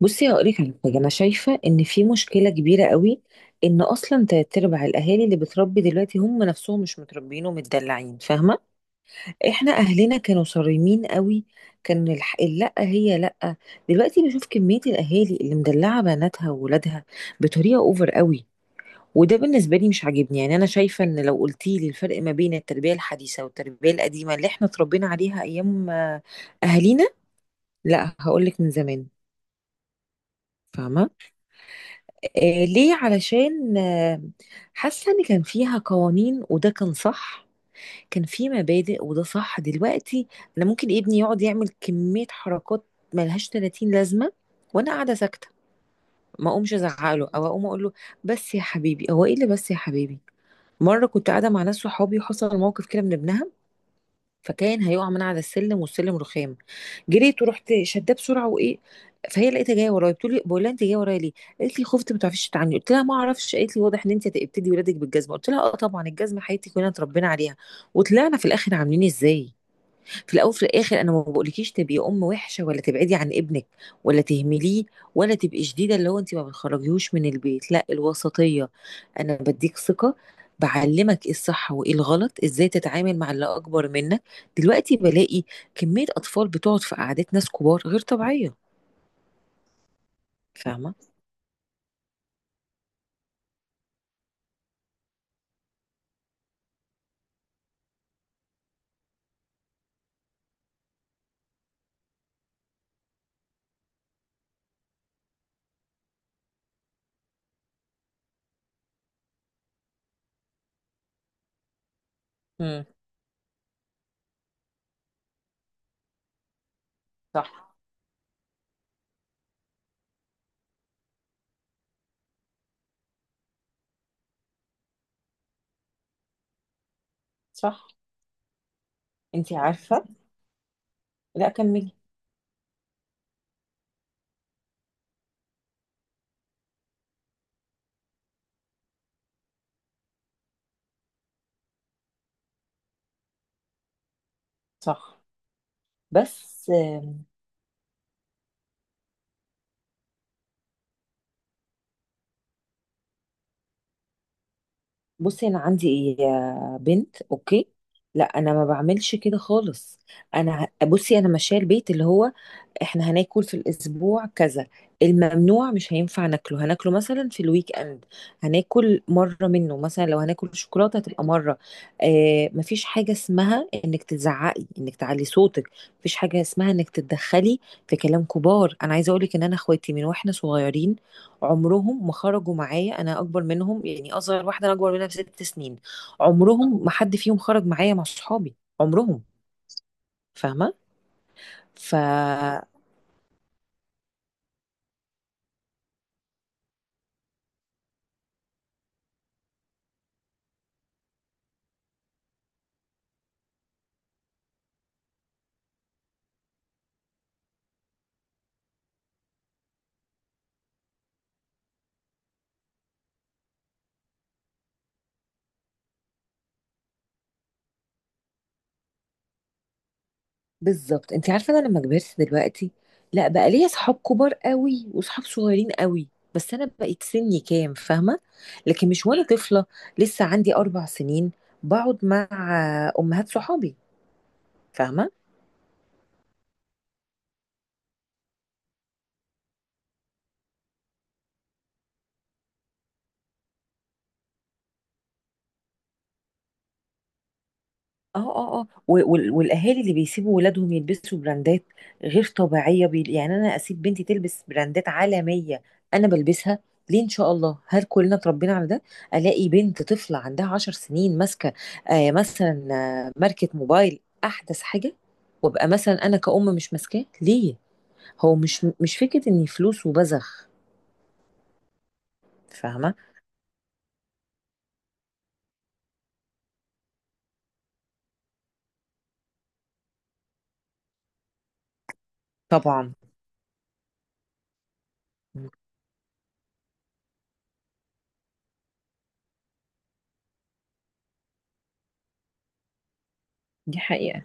بصي هقول لك على حاجه. انا شايفه ان في مشكله كبيره قوي، ان اصلا تلات ارباع الاهالي اللي بتربي دلوقتي هم نفسهم مش متربيين ومتدلعين، فاهمه؟ احنا اهلنا كانوا صارمين قوي. كان الح... لا هي لا دلوقتي بشوف كميه الاهالي اللي مدلعه بناتها وولادها بطريقه اوفر قوي، وده بالنسبة لي مش عاجبني. يعني أنا شايفة إن لو قلتي لي الفرق ما بين التربية الحديثة والتربية القديمة اللي إحنا اتربينا عليها أيام أهالينا، لا هقولك من زمان، فاهمة؟ ليه؟ علشان حاسة إن كان فيها قوانين وده كان صح، كان في مبادئ وده صح. دلوقتي أنا ممكن ابني يقعد يعمل كمية حركات ملهاش 30 لازمة وأنا قاعدة ساكتة، ما اقومش ازعق له او اقوم اقول له بس يا حبيبي، هو ايه اللي بس يا حبيبي؟ مره كنت قاعده مع ناس صحابي وحصل موقف كده من ابنها، فكان هيقع من على السلم والسلم رخام. جريت ورحت شداه بسرعه وايه. فهي لقيتها جايه ورايا بتقول لي، بقول لها انت جايه ورايا ليه؟ قالت لي خفت ما تعرفيش تتعاملي، قلت لها ما اعرفش. قالت لي واضح ان انت هتبتدي ولادك بالجزمه، قلت لها اه طبعا الجزمه، حياتي كلنا اتربينا عليها وطلعنا في الاخر عاملين ازاي؟ في الاول وفي الاخر انا ما بقولكيش تبقي ام وحشه ولا تبعدي عن ابنك ولا تهمليه، ولا تبقي شديده اللي هو انت ما بتخرجيهوش من البيت، لا، الوسطيه. انا بديك ثقه، بعلمك ايه الصح وايه الغلط، ازاي تتعامل مع اللي اكبر منك. دلوقتي بلاقي كميه اطفال بتقعد في قعدات ناس كبار غير طبيعيه، فاهمه؟ امم. صح. صح. انتي عارفة، لا كملي. صح. بس بصي، انا عندي إيه يا بنت؟ اوكي، لا انا ما بعملش كده خالص. انا بصي انا ماشيه البيت اللي هو احنا هناكل في الاسبوع كذا، الممنوع مش هينفع ناكله، هناكله مثلا في الويك اند. هناكل مره منه، مثلا لو هناكل شوكولاته هتبقى مره. آه، مفيش حاجه اسمها انك تزعقي، انك تعلي صوتك، مفيش حاجه اسمها انك تتدخلي في كلام كبار. انا عايزه اقولك ان انا اخواتي من واحنا صغيرين عمرهم ما خرجوا معايا، انا اكبر منهم، يعني اصغر واحده انا اكبر منها بست سنين، عمرهم ما حد فيهم خرج معايا مع صحابي عمرهم، فاهمه؟ ف بالظبط. انت عارفه انا لما كبرت دلوقتي، لا بقى ليا صحاب كبار قوي وصحاب صغيرين قوي، بس انا بقيت سني كام، فاهمه؟ لكن مش وانا طفله لسه عندي اربع سنين بقعد مع امهات صحابي، فاهمه؟ اه، والاهالي اللي بيسيبوا ولادهم يلبسوا براندات غير طبيعيه، يعني انا اسيب بنتي تلبس براندات عالميه؟ انا بلبسها ليه؟ ان شاء الله هل كلنا اتربينا على ده؟ الاقي بنت طفله عندها عشر سنين ماسكه آه مثلا ماركه موبايل احدث حاجه، وابقى مثلا انا كأم مش ماسكاه، ليه؟ هو مش فكره اني فلوس وبزخ، فاهمه؟ طبعا دي حقيقه.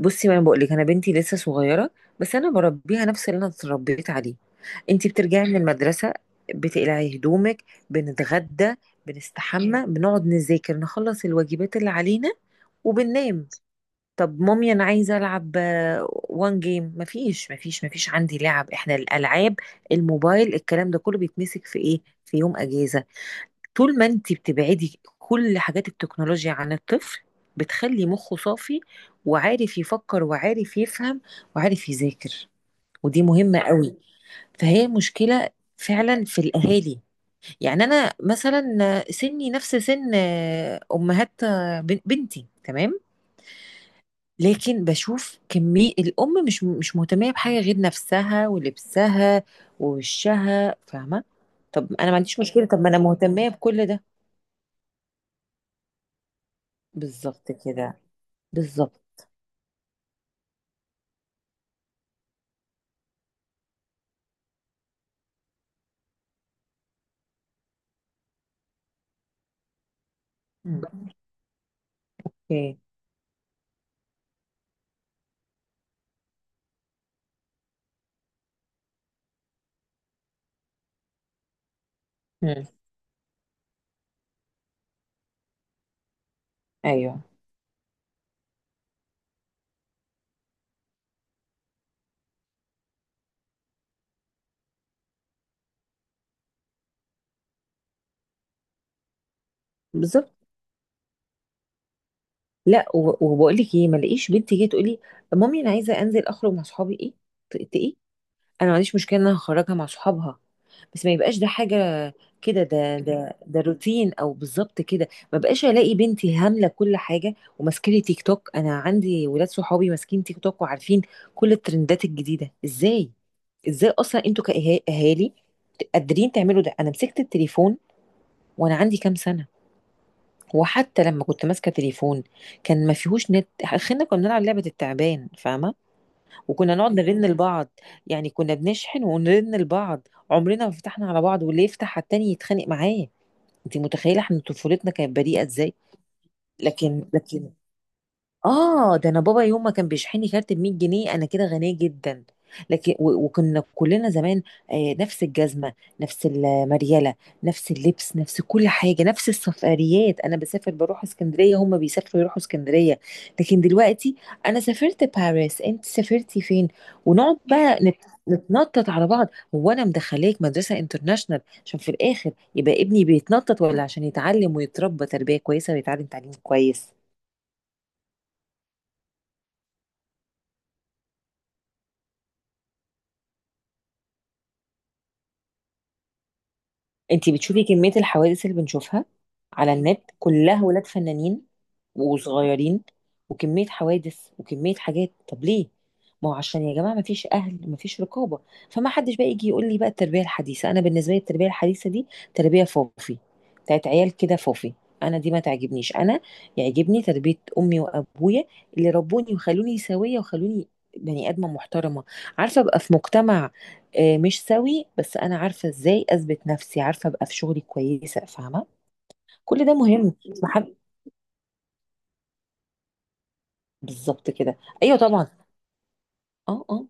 بصي ما انا بقول لك انا بنتي لسه صغيره، بس انا بربيها نفس اللي انا اتربيت عليه. انتي بترجعي من المدرسه، بتقلعي هدومك، بنتغدى، بنستحمى، بنقعد نذاكر نخلص الواجبات اللي علينا وبننام. طب مامي انا عايزه العب، وان جيم؟ مفيش عندي لعب، احنا الالعاب، الموبايل، الكلام ده كله بيتمسك في ايه؟ في يوم اجازه. طول ما انت بتبعدي كل حاجات التكنولوجيا عن الطفل بتخلي مخه صافي، وعارف يفكر وعارف يفهم وعارف يذاكر، ودي مهمة قوي. فهي مشكلة فعلا في الأهالي. يعني أنا مثلا سني نفس سن أمهات بنتي، تمام؟ لكن بشوف كمية الأم مش مهتمية بحاجة غير نفسها ولبسها ووشها، فاهمة؟ طب أنا ما عنديش مشكلة، طب ما أنا مهتمية بكل ده. بالظبط كده. بالظبط. مم. اوكي. مم. ايوه. بالظبط. لا وبقول لك ايه، ما لاقيش بنت جايه تقول لي مامي انا عايزه انزل اخرج مع صحابي ايه؟ ايه، انا ما عنديش مشكله ان انا هخرجها مع صحابها، بس ما يبقاش ده حاجه كده، ده روتين او بالظبط كده. ما بقاش الاقي بنتي هامله كل حاجه وماسكه لي تيك توك. انا عندي ولاد صحابي ماسكين تيك توك وعارفين كل الترندات الجديده. ازاي؟ ازاي اصلا انتوا كاهالي قادرين تعملوا ده؟ انا مسكت التليفون وانا عندي كام سنه؟ وحتى لما كنت ماسكه تليفون كان ما فيهوش نت، اخرنا كنا بنلعب لعبه التعبان، فاهمه؟ وكنا نقعد نرن لبعض، يعني كنا بنشحن ونرن لبعض، عمرنا ما فتحنا على بعض، واللي يفتح على التاني يتخانق معاه. انت متخيله احنا طفولتنا كانت بريئه ازاي؟ لكن اه، ده انا بابا يوم ما كان بيشحني كارت ب 100 جنيه انا كده غنيه جدا. لكن وكنا كلنا زمان، آه، نفس الجزمه، نفس المريله، نفس اللبس، نفس كل حاجه، نفس السفريات. انا بسافر بروح اسكندريه، هم بيسافروا يروحوا اسكندريه. لكن دلوقتي انا سافرت باريس، انت سافرتي فين؟ ونقعد بقى نتنطط على بعض. هو انا مدخلاك مدرسه انترناشونال عشان في الاخر يبقى ابني بيتنطط، ولا عشان يتعلم ويتربى تربيه كويسه ويتعلم تعليم كويس؟ انتي بتشوفي كمية الحوادث اللي بنشوفها على النت، كلها ولاد فنانين وصغيرين، وكمية حوادث وكمية حاجات. طب ليه؟ ما هو عشان يا جماعة ما فيش أهل، ما فيش رقابة. فما حدش بقى يجي يقول لي بقى التربية الحديثة. أنا بالنسبة لي التربية الحديثة دي تربية فوفي، بتاعت عيال كده فوفي. أنا دي ما تعجبنيش. أنا يعجبني تربية أمي وأبويا اللي ربوني وخلوني سوية، وخلوني بني آدمة محترمة، عارفة أبقى في مجتمع مش سوي، بس انا عارفه ازاي اثبت نفسي، عارفه ابقى في شغلي كويسه، فاهمه؟ كل ده مهم، مش محل. بالظبط كده. ايوه طبعا. اه.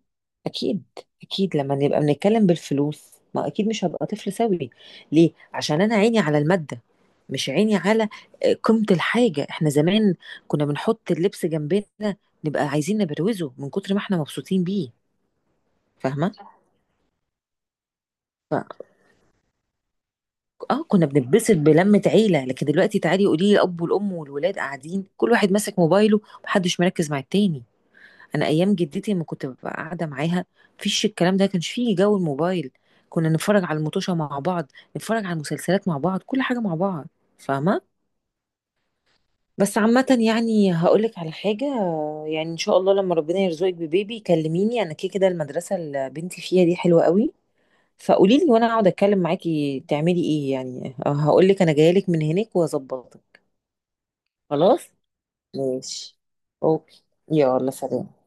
اكيد، اكيد. لما نبقى بنتكلم بالفلوس، ما اكيد مش هبقى طفل سوي. ليه؟ عشان انا عيني على الماده، مش عيني على قيمه الحاجه. احنا زمان كنا بنحط اللبس جنبنا، نبقى عايزين نبروزه من كتر ما احنا مبسوطين بيه، فاهمه؟ اه، كنا بنتبسط بلمة عيلة. لكن دلوقتي تعالي قولي لي، الأب والأم والولاد قاعدين كل واحد ماسك موبايله، محدش مركز مع التاني. أنا أيام جدتي لما كنت ببقى قاعدة معاها، مفيش الكلام ده، كانش فيه جو الموبايل. كنا نتفرج على المطوشة مع بعض، نتفرج على المسلسلات مع بعض، كل حاجة مع بعض، فاهمة؟ بس عامة يعني هقولك على حاجة، يعني إن شاء الله لما ربنا يرزقك ببيبي كلميني، أنا كده كده المدرسة اللي بنتي فيها دي حلوة قوي، فقولي لي وانا اقعد اتكلم معاكي تعملي ايه، يعني هقول لك انا جايه لك من هناك واظبطك. خلاص. ماشي. اوكي. يلا سلام.